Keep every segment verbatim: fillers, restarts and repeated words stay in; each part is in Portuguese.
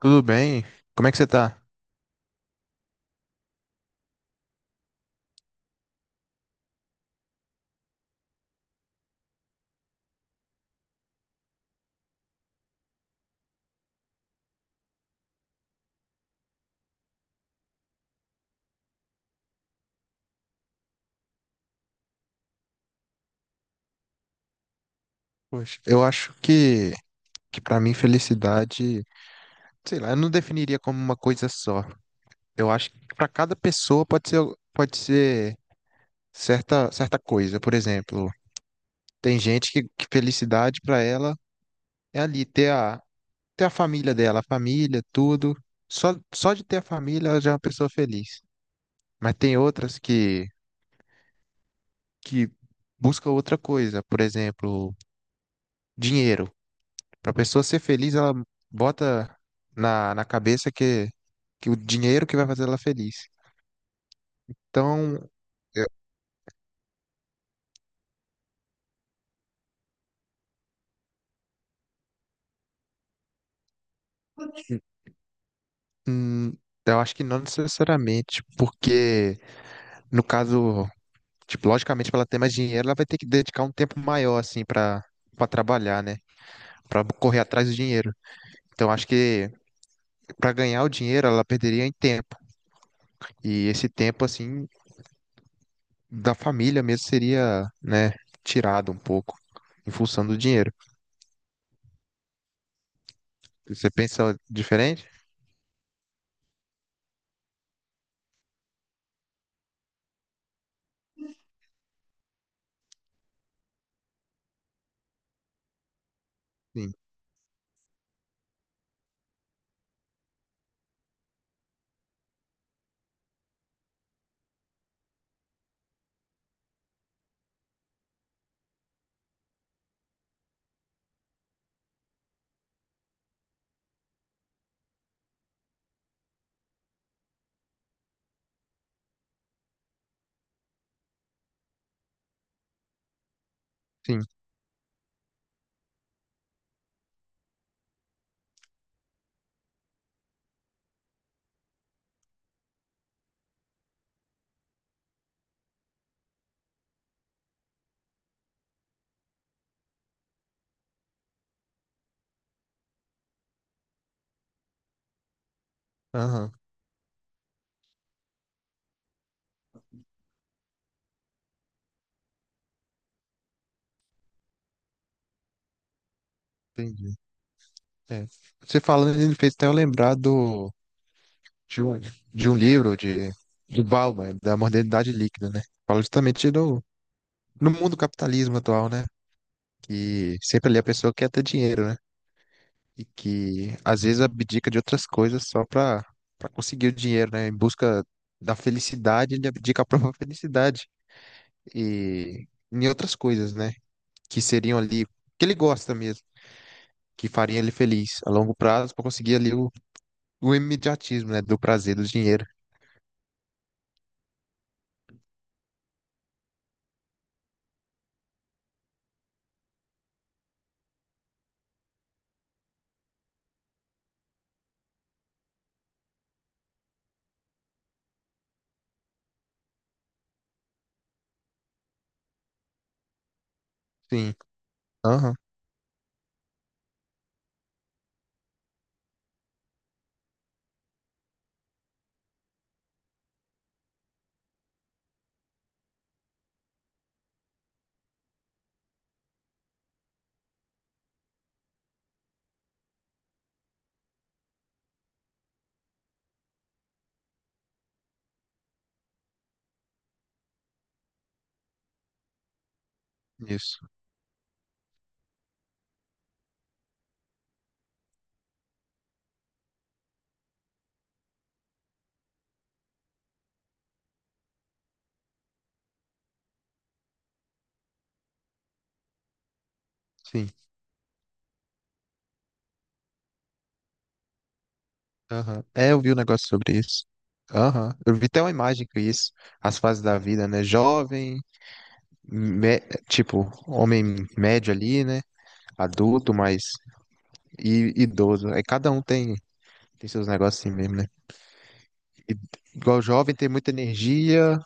Tudo bem? Como é que você tá? Poxa, eu acho que, que para mim felicidade, sei lá, eu não definiria como uma coisa só. Eu acho que para cada pessoa pode ser, pode ser certa, certa coisa. Por exemplo, tem gente que, que felicidade para ela é ali ter a, ter a família dela, a família, tudo. Só, só de ter a família ela já é uma pessoa feliz. Mas tem outras que, que busca outra coisa. Por exemplo, dinheiro. Para a pessoa ser feliz, ela bota na, na cabeça que, que o dinheiro que vai fazer ela feliz. Então, eu, hum, eu acho que não necessariamente, porque no caso, tipo, logicamente, para ela ter mais dinheiro, ela vai ter que dedicar um tempo maior, assim, para para trabalhar, né? Para correr atrás do dinheiro. Então, acho que para ganhar o dinheiro, ela perderia em tempo. E esse tempo, assim, da família mesmo seria, né, tirado um pouco em função do dinheiro. Você pensa diferente? Sim. Sim, aham, entendi. É. Você falando, ele fez até eu lembrar do, de, um, de um livro de, de Bauman, da modernidade líquida, né? Fala justamente do no mundo do capitalismo atual, né? Que sempre ali a pessoa quer ter dinheiro, né? E que às vezes abdica de outras coisas só pra, pra conseguir o dinheiro, né? Em busca da felicidade, ele abdica a própria felicidade e em outras coisas, né? Que seriam ali, que ele gosta mesmo, que faria ele feliz a longo prazo pra conseguir ali o O imediatismo, né? Do prazer, do dinheiro. Sim. Aham. Isso. Sim. Aham. É, eu vi um negócio sobre isso. Aham. Eu vi até uma imagem com isso. As fases da vida, né? Jovem, me- tipo, homem médio ali, né? Adulto, mas e idoso. Aí cada um tem, tem seus negócios assim mesmo, né? E- igual jovem tem muita energia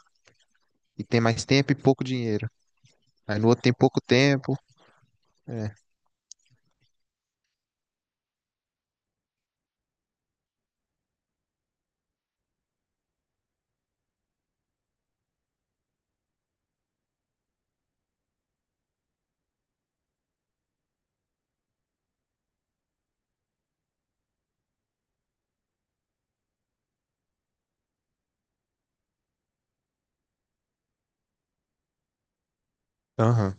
e tem mais tempo e pouco dinheiro. Aí no outro tem pouco tempo. Aham.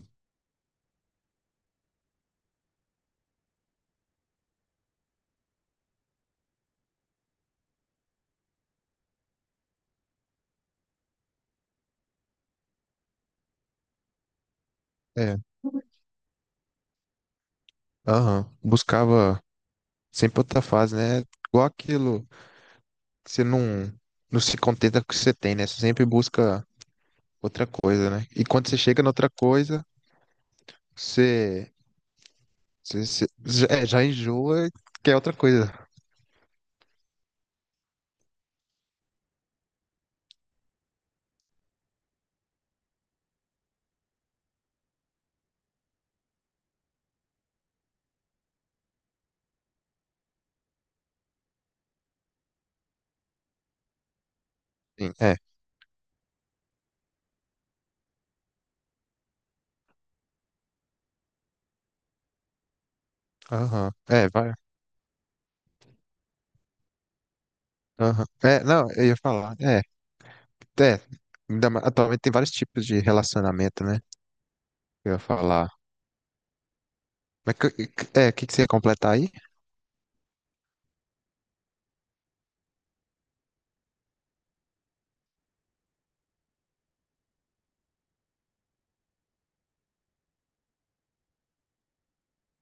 É. Aham. Buscava sempre outra fase, né? Igual aquilo. Você não, não se contenta com o que você tem, né? Você sempre busca outra coisa, né? E quando você chega na outra coisa, você, você, você- já, é, já enjoa e quer outra coisa. Sim, é. Aham. É, vai. Aham. É, não, eu ia falar. É, é. Ainda ma- Atualmente tem vários tipos de relacionamento, né? Eu ia falar. Mas que- que- É, o que, que você ia completar aí?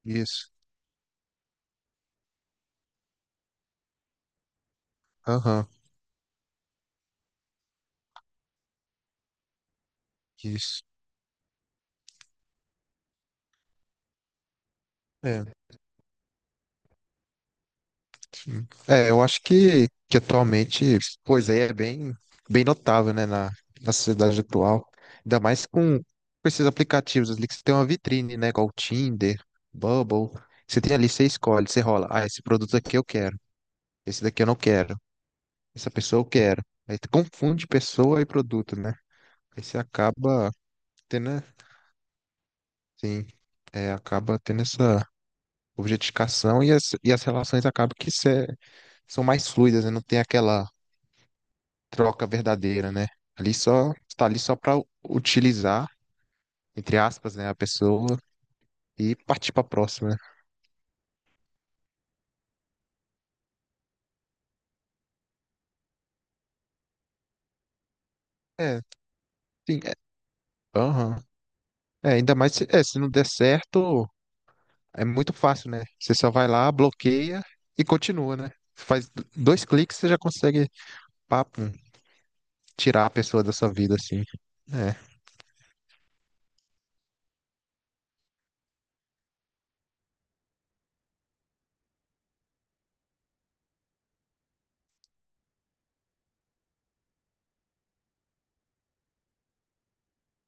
Isso. Aham, isso. É. Hum. É, eu acho que, que atualmente, pois é, é bem, bem notável, né, na, na sociedade atual. Ainda mais com, com esses aplicativos ali que você tem uma vitrine, né, igual o Tinder, Bubble. Você tem ali, você escolhe, você rola. Ah, esse produto aqui eu quero, esse daqui eu não quero, essa pessoa eu quero. Aí tu confunde pessoa e produto, né? Aí você acaba tendo, né, sim, é, acaba tendo essa objetificação e as, e as relações acabam que cê- são mais fluidas, né? Não tem aquela troca verdadeira, né? Ali só está ali só para utilizar, entre aspas, né, a pessoa e partir para a próxima, né? É, sim, é, aham. É, ainda mais se, é, se não der certo, é muito fácil, né? Você só vai lá, bloqueia e continua, né? Faz do- dois cliques, você já consegue, papo, tirar a pessoa da sua vida, assim. É.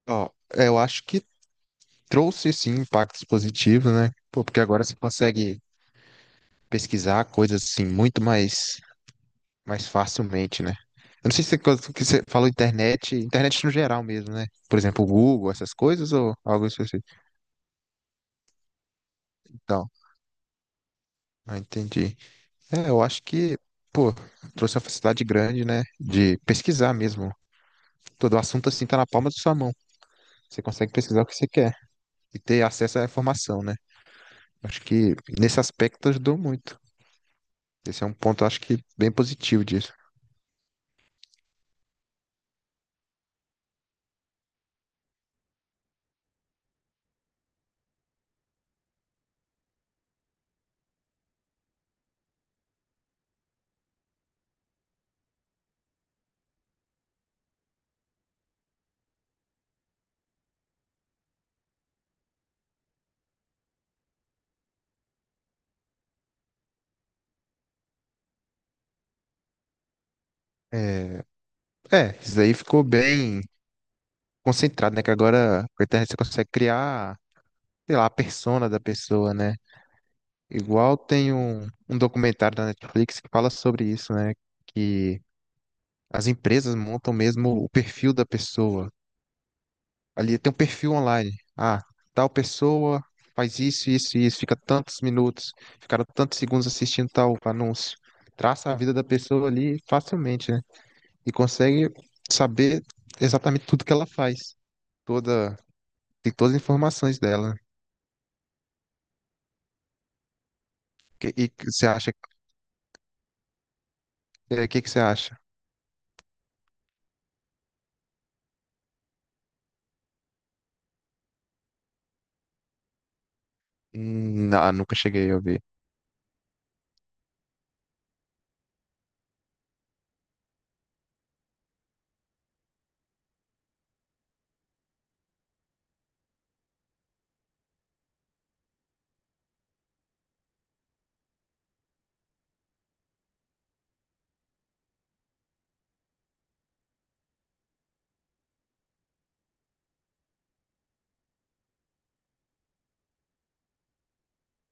Ó, eu acho que trouxe sim impactos positivos, né? Pô, porque agora você consegue pesquisar coisas assim muito mais mais facilmente, né? Eu não sei se quando que você falou internet, internet no geral mesmo, né? Por exemplo, o Google, essas coisas ou algo específico. Então, ah, entendi. É, eu acho que, pô, trouxe uma facilidade grande, né? De pesquisar mesmo. Todo o assunto assim tá na palma da sua mão. Você consegue pesquisar o que você quer e ter acesso à informação, né? Acho que nesse aspecto ajudou muito. Esse é um ponto, acho que, bem positivo disso. É, é, isso aí ficou bem concentrado, né? Que agora com a internet você consegue criar sei lá, a persona da pessoa, né? Igual tem um, um documentário da Netflix que fala sobre isso, né? Que as empresas montam mesmo o perfil da pessoa. Ali tem um perfil online. Ah, tal pessoa faz isso, isso, isso, fica tantos minutos, ficaram tantos segundos assistindo tal anúncio. Traça a vida da pessoa ali facilmente, né? E consegue saber exatamente tudo que ela faz. Toda, tem todas as informações dela. Né? Que- E, que você acha, é, o que que você acha? Hum, Não, nunca cheguei a ouvir.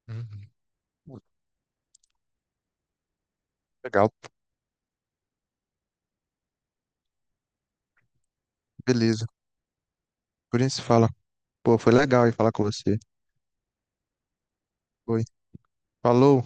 Uhum. Legal, beleza. Por isso fala. Pô, foi legal ir falar com você. Foi. Falou.